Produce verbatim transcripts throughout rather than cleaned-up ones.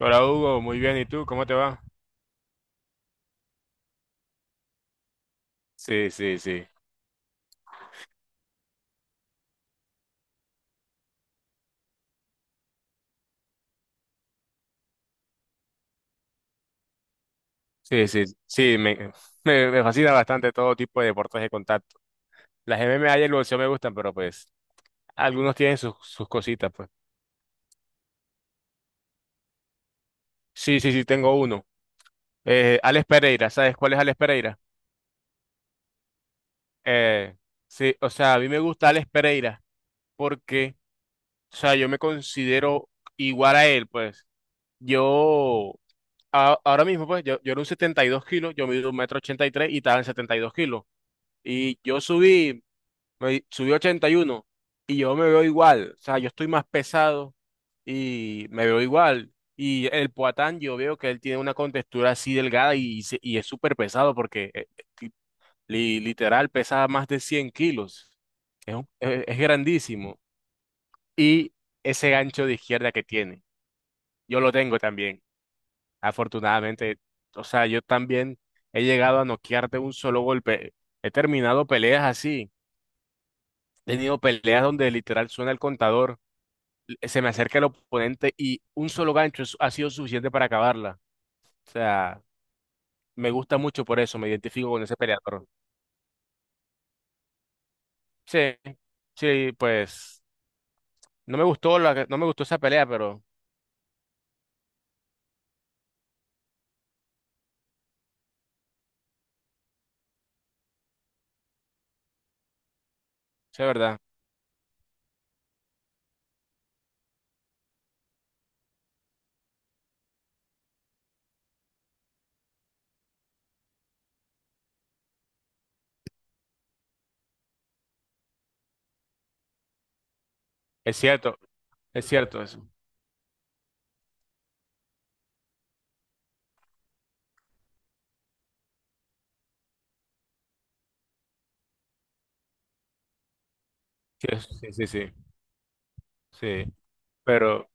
Hola Hugo, muy bien. ¿Y tú? ¿Cómo te va? Sí, sí, sí. Sí, sí, sí. Me, me, me fascina bastante todo tipo de deportes de contacto. Las M M A y el boxeo me gustan, pero pues algunos tienen sus, sus cositas, pues. Sí, sí, sí, tengo uno. Eh, Alex Pereira, ¿sabes cuál es Alex Pereira? Eh, sí, o sea, a mí me gusta Alex Pereira porque, o sea, yo me considero igual a él, pues. Yo, a- ahora mismo, pues, yo, yo era un setenta y dos kilos, yo mido un metro ochenta y tres y estaba en setenta y dos kilos. Y yo subí. Me subí ochenta y uno y yo me veo igual. O sea, yo estoy más pesado y me veo igual. Y el Poatán, yo veo que él tiene una contextura así delgada y, se- y es súper pesado porque eh, li- li- literal pesa más de cien kilos. Es, un- es- es grandísimo. Y ese gancho de izquierda que tiene, yo lo tengo también. Afortunadamente, o sea, yo también he llegado a noquear de un solo golpe. He terminado peleas así. He tenido peleas donde literal suena el contador, se me acerca el oponente y un solo gancho es- ha sido suficiente para acabarla. O sea, me gusta mucho por eso, me identifico con ese peleador. Sí, sí, pues no me gustó la, no me gustó esa pelea, pero sí, es verdad. Es cierto, es cierto eso. Sí, es- sí, sí, sí, sí. Pero, o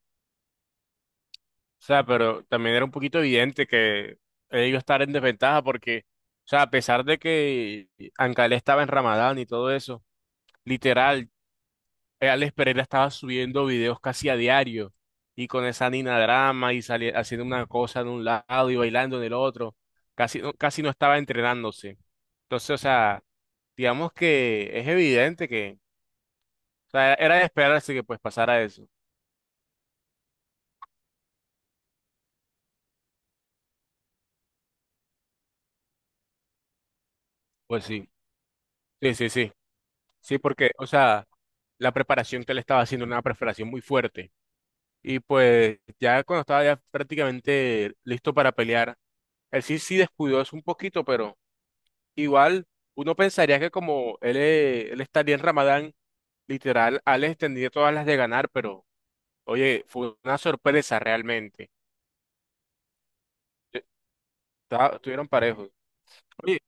sea, pero también era un poquito evidente que ellos estaban en desventaja porque, o sea, a pesar de que Ancalé estaba en Ramadán y todo eso, literal, eh, Alex Pereira estaba subiendo videos casi a diario y con esa Nina Drama y sali- haciendo una cosa de un lado y bailando en el otro. Casi, no- casi no estaba entrenándose. Entonces, o sea, digamos que es evidente que, o sea, era de esperarse que pues pasara eso. Pues sí, sí, sí, sí. Sí, porque, o sea, la preparación que él estaba haciendo era una preparación muy fuerte. Y pues ya cuando estaba ya prácticamente listo para pelear, él sí, sí descuidó eso un poquito, pero... Igual, uno pensaría que como él, eh, él estaría en Ramadán, literal, Alex tendría todas las de ganar, pero oye, fue una sorpresa realmente. Eh, ta- Estuvieron parejos. Oye,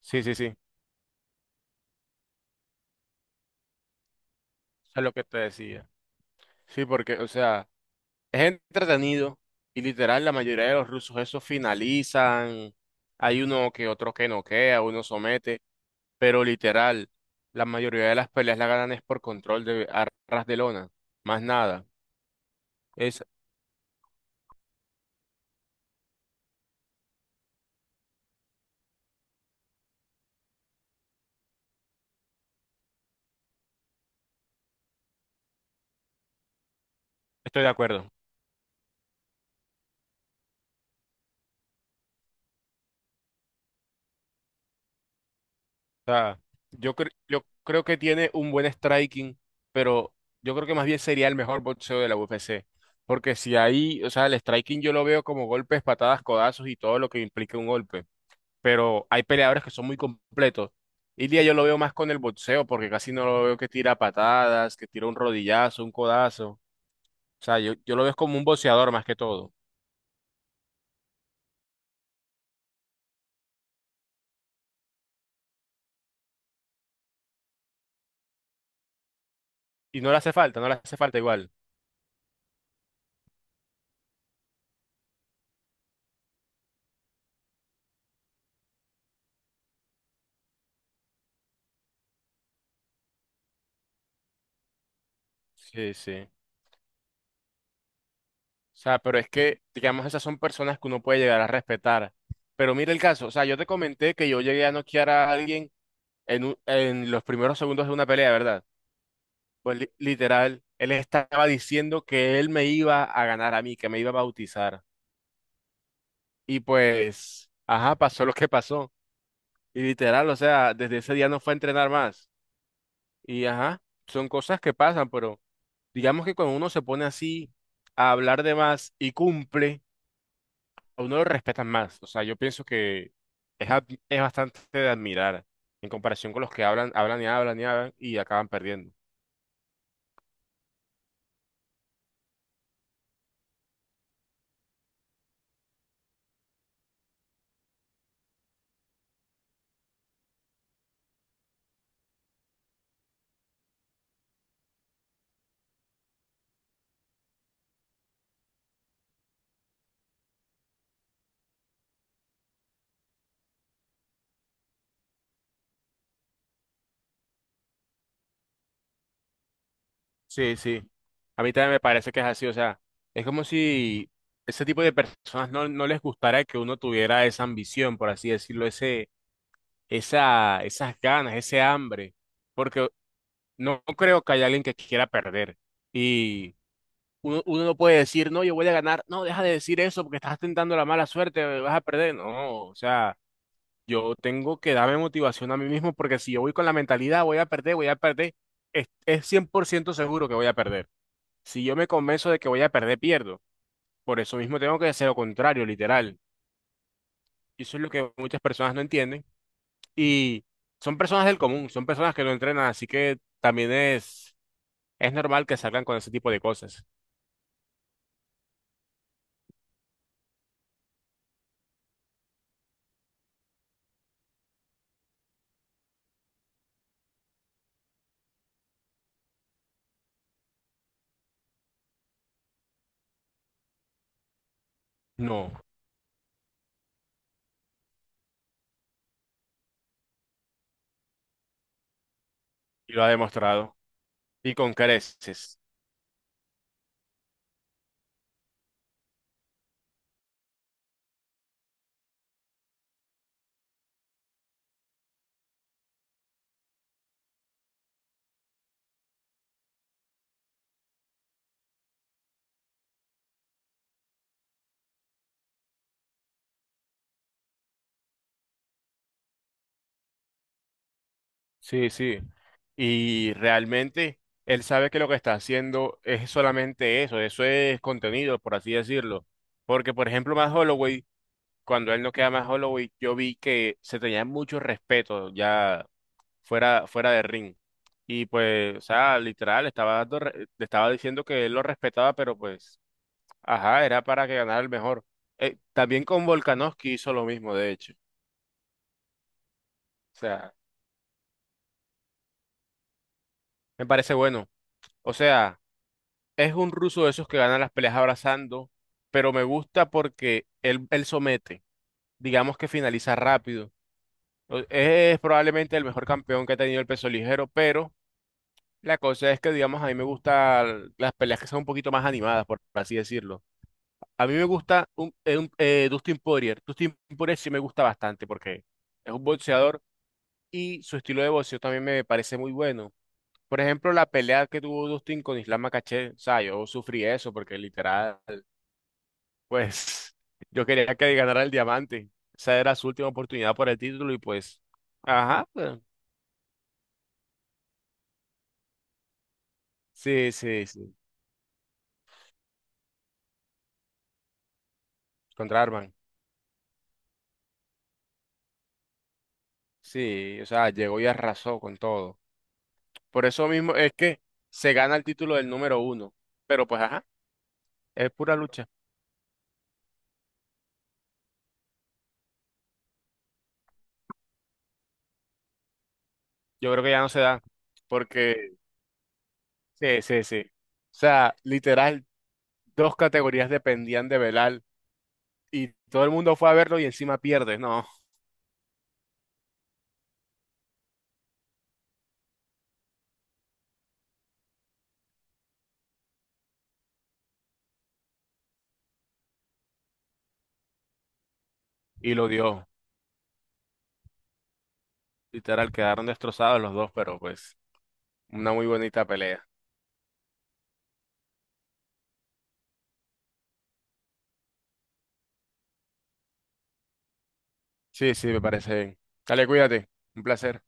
sí, sí, sí, eso es lo que te decía. Sí, porque, o sea, es entretenido y literal, la mayoría de los rusos esos finalizan, hay uno que otro que noquea, uno somete, pero literal, la mayoría de las peleas la ganan es por control de arras de lona, más nada. Es, estoy de acuerdo. O sea, yo, cre- yo creo que tiene un buen striking, pero yo creo que más bien sería el mejor boxeo de la U F C. Porque si ahí, o sea, el striking yo lo veo como golpes, patadas, codazos y todo lo que implique un golpe. Pero hay peleadores que son muy completos. Ilia yo lo veo más con el boxeo, porque casi no lo veo que tira patadas, que tira un rodillazo, un codazo. O sea, yo, yo lo veo como un boxeador más que todo. Y no le hace falta, no le hace falta igual. Sí, sí. O sea, pero es que, digamos, esas son personas que uno puede llegar a respetar. Pero mira el caso, o sea, yo te comenté que yo llegué a noquear a alguien en, un- en los primeros segundos de una pelea, ¿verdad? Pues li- literal, él estaba diciendo que él me iba a ganar a mí, que me iba a bautizar. Y pues, ajá, pasó lo que pasó. Y literal, o sea, desde ese día no fue a entrenar más. Y ajá, son cosas que pasan, pero digamos que cuando uno se pone así a hablar de más y cumple, a uno lo respetan más. O sea, yo pienso que es, ad- es bastante de admirar en comparación con los que hablan, hablan y hablan y hablan y acaban perdiendo. Sí, sí. A mí también me parece que es así. O sea, es como si ese tipo de personas no, no les gustara que uno tuviera esa ambición, por así decirlo, ese, esa, esas ganas, ese hambre. Porque no creo que haya alguien que quiera perder. Y uno, uno no puede decir, no, yo voy a ganar. No, deja de decir eso porque estás tentando la mala suerte, vas a perder. No, o sea. Yo tengo que darme motivación a mí mismo porque si yo voy con la mentalidad voy a perder, voy a perder, es, es cien por ciento seguro que voy a perder. Si yo me convenzo de que voy a perder, pierdo. Por eso mismo tengo que hacer lo contrario, literal. Y eso es lo que muchas personas no entienden. Y son personas del común, son personas que no entrenan, así que también es, es normal que salgan con ese tipo de cosas. No, y lo ha demostrado. Y con creces. Sí, sí. Y realmente él sabe que lo que está haciendo es solamente eso, eso es contenido, por así decirlo. Porque, por ejemplo, más Holloway, cuando él no queda más Holloway, yo vi que se tenía mucho respeto ya fuera, fuera de ring. Y pues, o sea, literal, estaba dando re- le estaba diciendo que él lo respetaba, pero pues, ajá, era para que ganara el mejor. Eh, también con Volkanovski hizo lo mismo, de hecho. O sea, me parece bueno. O sea. Es un ruso de esos que gana las peleas abrazando, pero me gusta porque él, él somete, digamos que finaliza rápido. O- Es probablemente el mejor campeón que ha tenido el peso ligero, pero la cosa es que, digamos, a mí me gustan las peleas que son un poquito más animadas, por así decirlo. A mí me gusta un, eh, un- eh, Dustin Poirier. Dustin Poirier sí me gusta bastante porque es un boxeador y su estilo de boxeo también me parece muy bueno. Por ejemplo, la pelea que tuvo Dustin con Islam Makhachev, o sea, yo sufrí eso porque literal. Pues yo quería que ganara el diamante. Esa era su última oportunidad por el título y pues, ajá, pues, sí, sí, sí, contra Arman. Sí, o sea, llegó y arrasó con todo. Por eso mismo es que se gana el título del número uno. Pero pues, ajá, es pura lucha. Yo creo que ya no se da porque, sí, sí, sí. O sea, literal, dos categorías dependían de Belal y todo el mundo fue a verlo y encima pierde, no. Y lo dio. Literal, quedaron destrozados los dos, pero pues. Una muy bonita pelea. Sí, sí, me parece bien. Dale, cuídate. Un placer.